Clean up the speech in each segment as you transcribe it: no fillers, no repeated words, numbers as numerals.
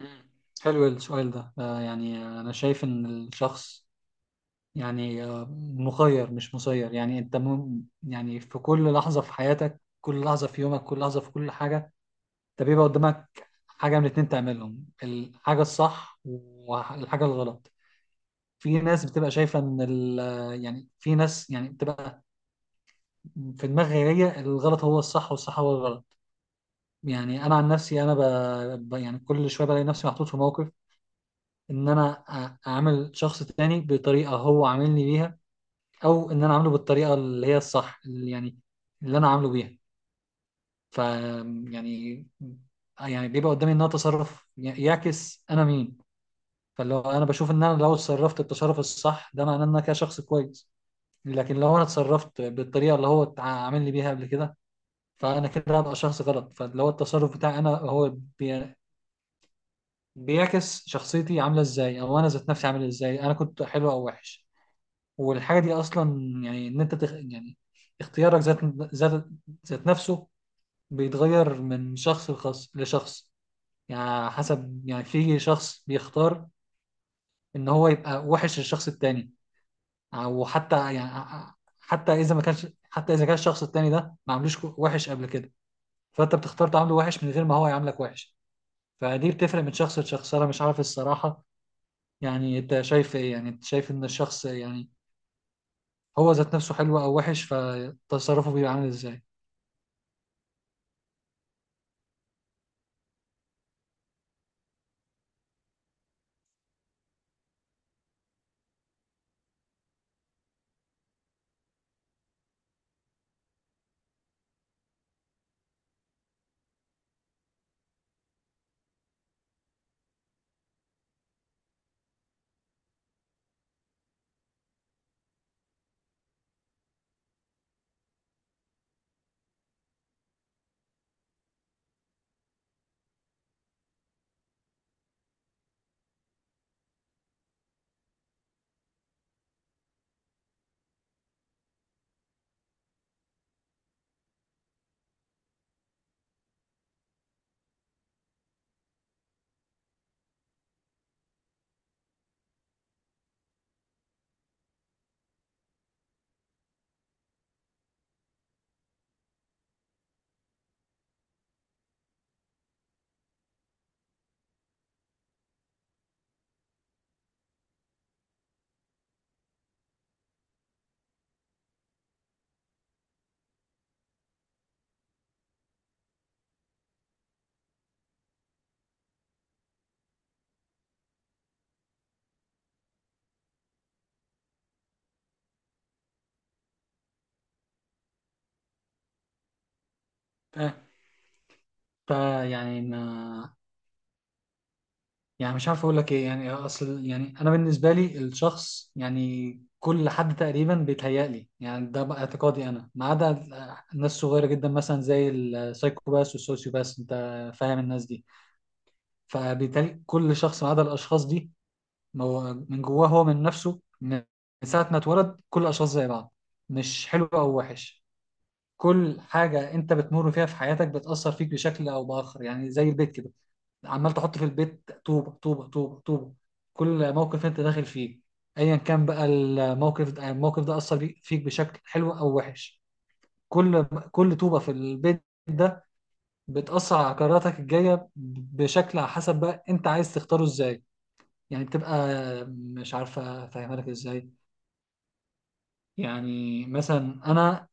مم. حلو السؤال ده يعني أنا شايف إن الشخص يعني مخير مش مسير. يعني أنت يعني في كل لحظة في حياتك، كل لحظة في يومك، كل لحظة في كل حاجة، أنت بيبقى قدامك حاجة من اتنين تعملهم: الحاجة الصح والحاجة الغلط. في ناس بتبقى شايفة إن يعني في ناس يعني بتبقى في دماغها هي الغلط هو الصح والصح هو الغلط. يعني أنا عن نفسي أنا يعني كل شوية بلاقي نفسي محطوط في موقف، ان انا اعمل شخص تاني بطريقه هو عاملني بيها، او ان انا عامله بالطريقه اللي هي الصح، اللي يعني اللي انا عامله بيها. ف يعني يعني بيبقى قدامي ان انا تصرف يعكس انا مين. فلو انا بشوف ان انا لو اتصرفت التصرف الصح ده معناه ان انا كده شخص كويس، لكن لو انا اتصرفت بالطريقه اللي هو عامل لي بيها قبل كده فانا كده هبقى شخص غلط. فاللي هو التصرف بتاعي انا هو بي... بيعكس شخصيتي عامله ازاي، او انا ذات نفسي عامل ازاي، انا كنت حلو او وحش. والحاجه دي اصلا يعني ان انت يعني اختيارك ذات ذات نفسه بيتغير من شخص لشخص. يعني حسب، يعني في شخص بيختار ان هو يبقى وحش للشخص التاني، او حتى يعني حتى اذا ما كانش، حتى اذا كان الشخص التاني ده ما عملوش وحش قبل كده، فانت بتختار تعامله وحش من غير ما هو يعاملك وحش. فدي بتفرق من شخص لشخص، انا مش عارف الصراحه. يعني انت شايف ايه؟ يعني انت شايف ان الشخص يعني هو ذات نفسه حلو او وحش فتصرفه بيبقى عامل ازاي؟ ف ف- يعني ما يعني مش عارف اقول لك ايه. يعني اصل يعني انا بالنسبه لي الشخص، يعني كل حد تقريبا بيتهيألي، يعني ده بقى اعتقادي انا، ما عدا الناس صغيره جدا مثلا زي السايكوباس والسوسيوباس، انت فاهم الناس دي. فبالتالي كل شخص ما عدا الاشخاص دي، هو من جواه، هو من نفسه، من ساعه ما اتولد كل الاشخاص زي بعض، مش حلو او وحش. كل حاجه انت بتمر فيها في حياتك بتأثر فيك بشكل او بآخر، يعني زي البيت كده، عمال تحط في البيت طوبة طوبة طوبة طوبة. كل موقف انت داخل فيه، ايا كان بقى الموقف ده، الموقف ده اثر فيك بشكل حلو او وحش. كل كل طوبة في البيت ده بتأثر على قراراتك الجاية، بشكل على حسب بقى انت عايز تختاره ازاي. يعني بتبقى، مش عارفة افهمها لك ازاي. يعني مثلا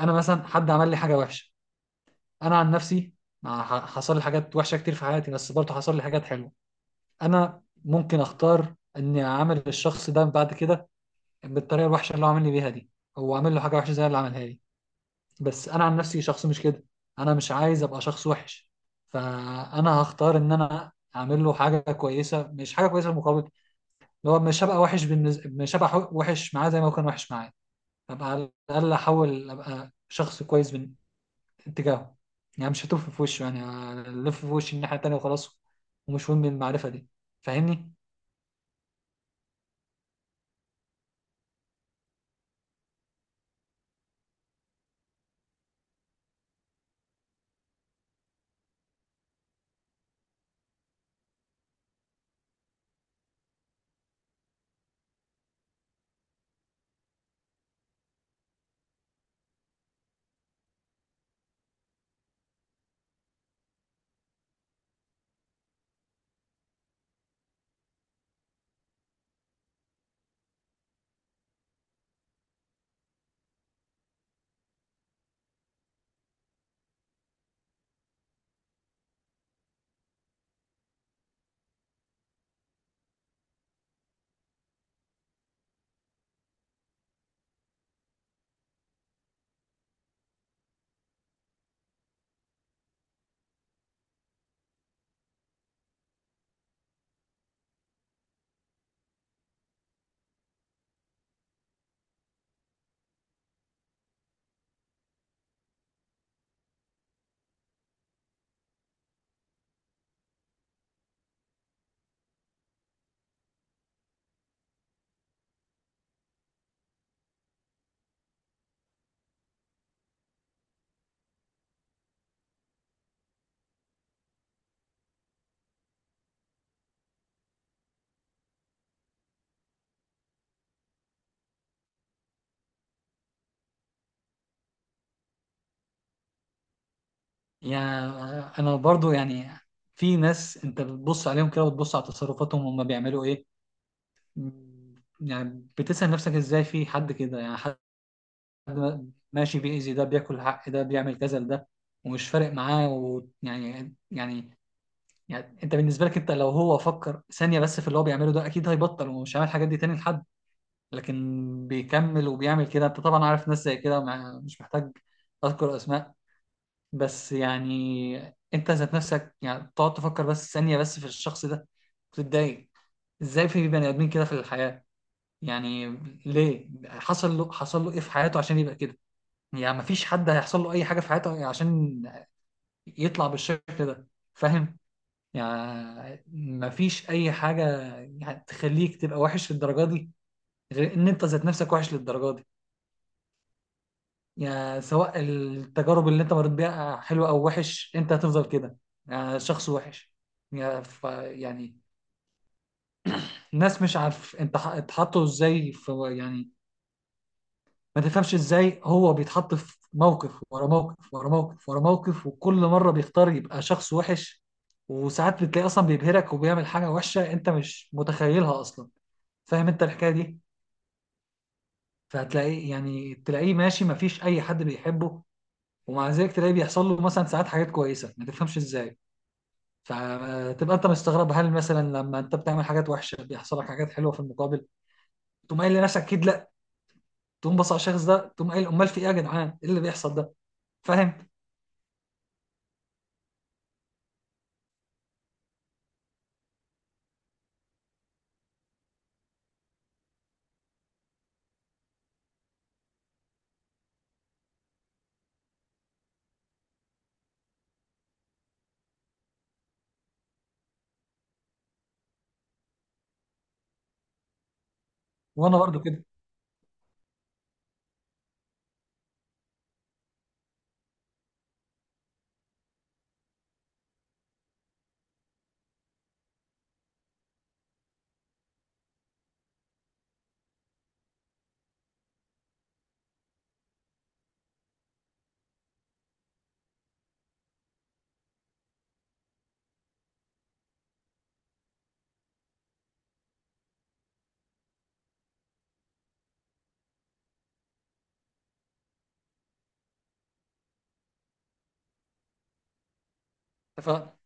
انا مثلا حد عمل لي حاجة وحشة، انا عن نفسي حصل لي حاجات وحشة كتير في حياتي، بس برضه حصل لي حاجات حلوة. انا ممكن اختار اني اعامل الشخص ده بعد كده بالطريقه الوحشه اللي هو عامل لي بيها دي، هو عامل له حاجه وحشه زي اللي عملها لي. بس انا عن نفسي شخص مش كده، انا مش عايز ابقى شخص وحش. فانا هختار ان انا اعمل له حاجه كويسه، مش حاجه كويسه مقابل، اللي هو مش هبقى وحش بالنسبه، مش هبقى وحش معاه زي ما هو كان وحش معايا. ابقى على الاقل احاول ابقى شخص كويس من اتجاهه. يعني مش هتلف في وشه، يعني ألف في وشي الناحيه التانيه وخلاص، ومش مهم المعرفه دي. فاهمني؟ يعني انا برضو يعني في ناس انت بتبص عليهم كده وتبص على تصرفاتهم هم بيعملوا ايه. يعني بتسأل نفسك ازاي في حد كده، يعني حد ماشي بيأذي ده، بياكل حق ده، بيعمل كذا لده، ومش فارق معاه. ويعني يعني يعني انت بالنسبه لك، انت لو هو فكر ثانيه بس في اللي هو بيعمله ده اكيد هيبطل ومش هيعمل الحاجات دي تاني لحد، لكن بيكمل وبيعمل كده. انت طبعا عارف ناس زي كده، مش محتاج اذكر اسماء. بس يعني انت ذات نفسك يعني تقعد تفكر بس ثانية بس في الشخص ده، تتضايق ازاي في بني ادمين كده في الحياة. يعني ليه؟ حصل له ايه في حياته عشان يبقى كده؟ يعني مفيش حد هيحصل له اي حاجة في حياته عشان يطلع بالشكل ده، فاهم؟ يعني مفيش اي حاجة يعني تخليك تبقى وحش للدرجة دي غير ان انت ذات نفسك وحش للدرجة دي. يعني سواء التجارب اللي انت مريت بيها حلوة او وحش، انت هتفضل كده، يعني شخص وحش. يعني ف يعني الناس، مش عارف انت اتحطوا ازاي في، يعني ما تفهمش ازاي هو بيتحط في موقف ورا موقف ورا موقف ورا موقف وكل مرة بيختار يبقى شخص وحش. وساعات بتلاقي اصلا بيبهرك وبيعمل حاجة وحشة انت مش متخيلها اصلا، فاهم انت الحكاية دي؟ فهتلاقيه، يعني تلاقيه ماشي ما فيش اي حد بيحبه، ومع ذلك تلاقيه بيحصل له مثلا ساعات حاجات كويسة ما تفهمش ازاي. فتبقى انت مستغرب، هل مثلا لما انت بتعمل حاجات وحشه بيحصل لك حاجات حلوه في المقابل؟ تقوم قايل لنفسك اكيد لا. تقوم بص على الشخص ده تقوم قايل: امال في ايه يا جدعان، ايه اللي بيحصل ده؟ فاهم. وانا برضو كده. اتفقنا.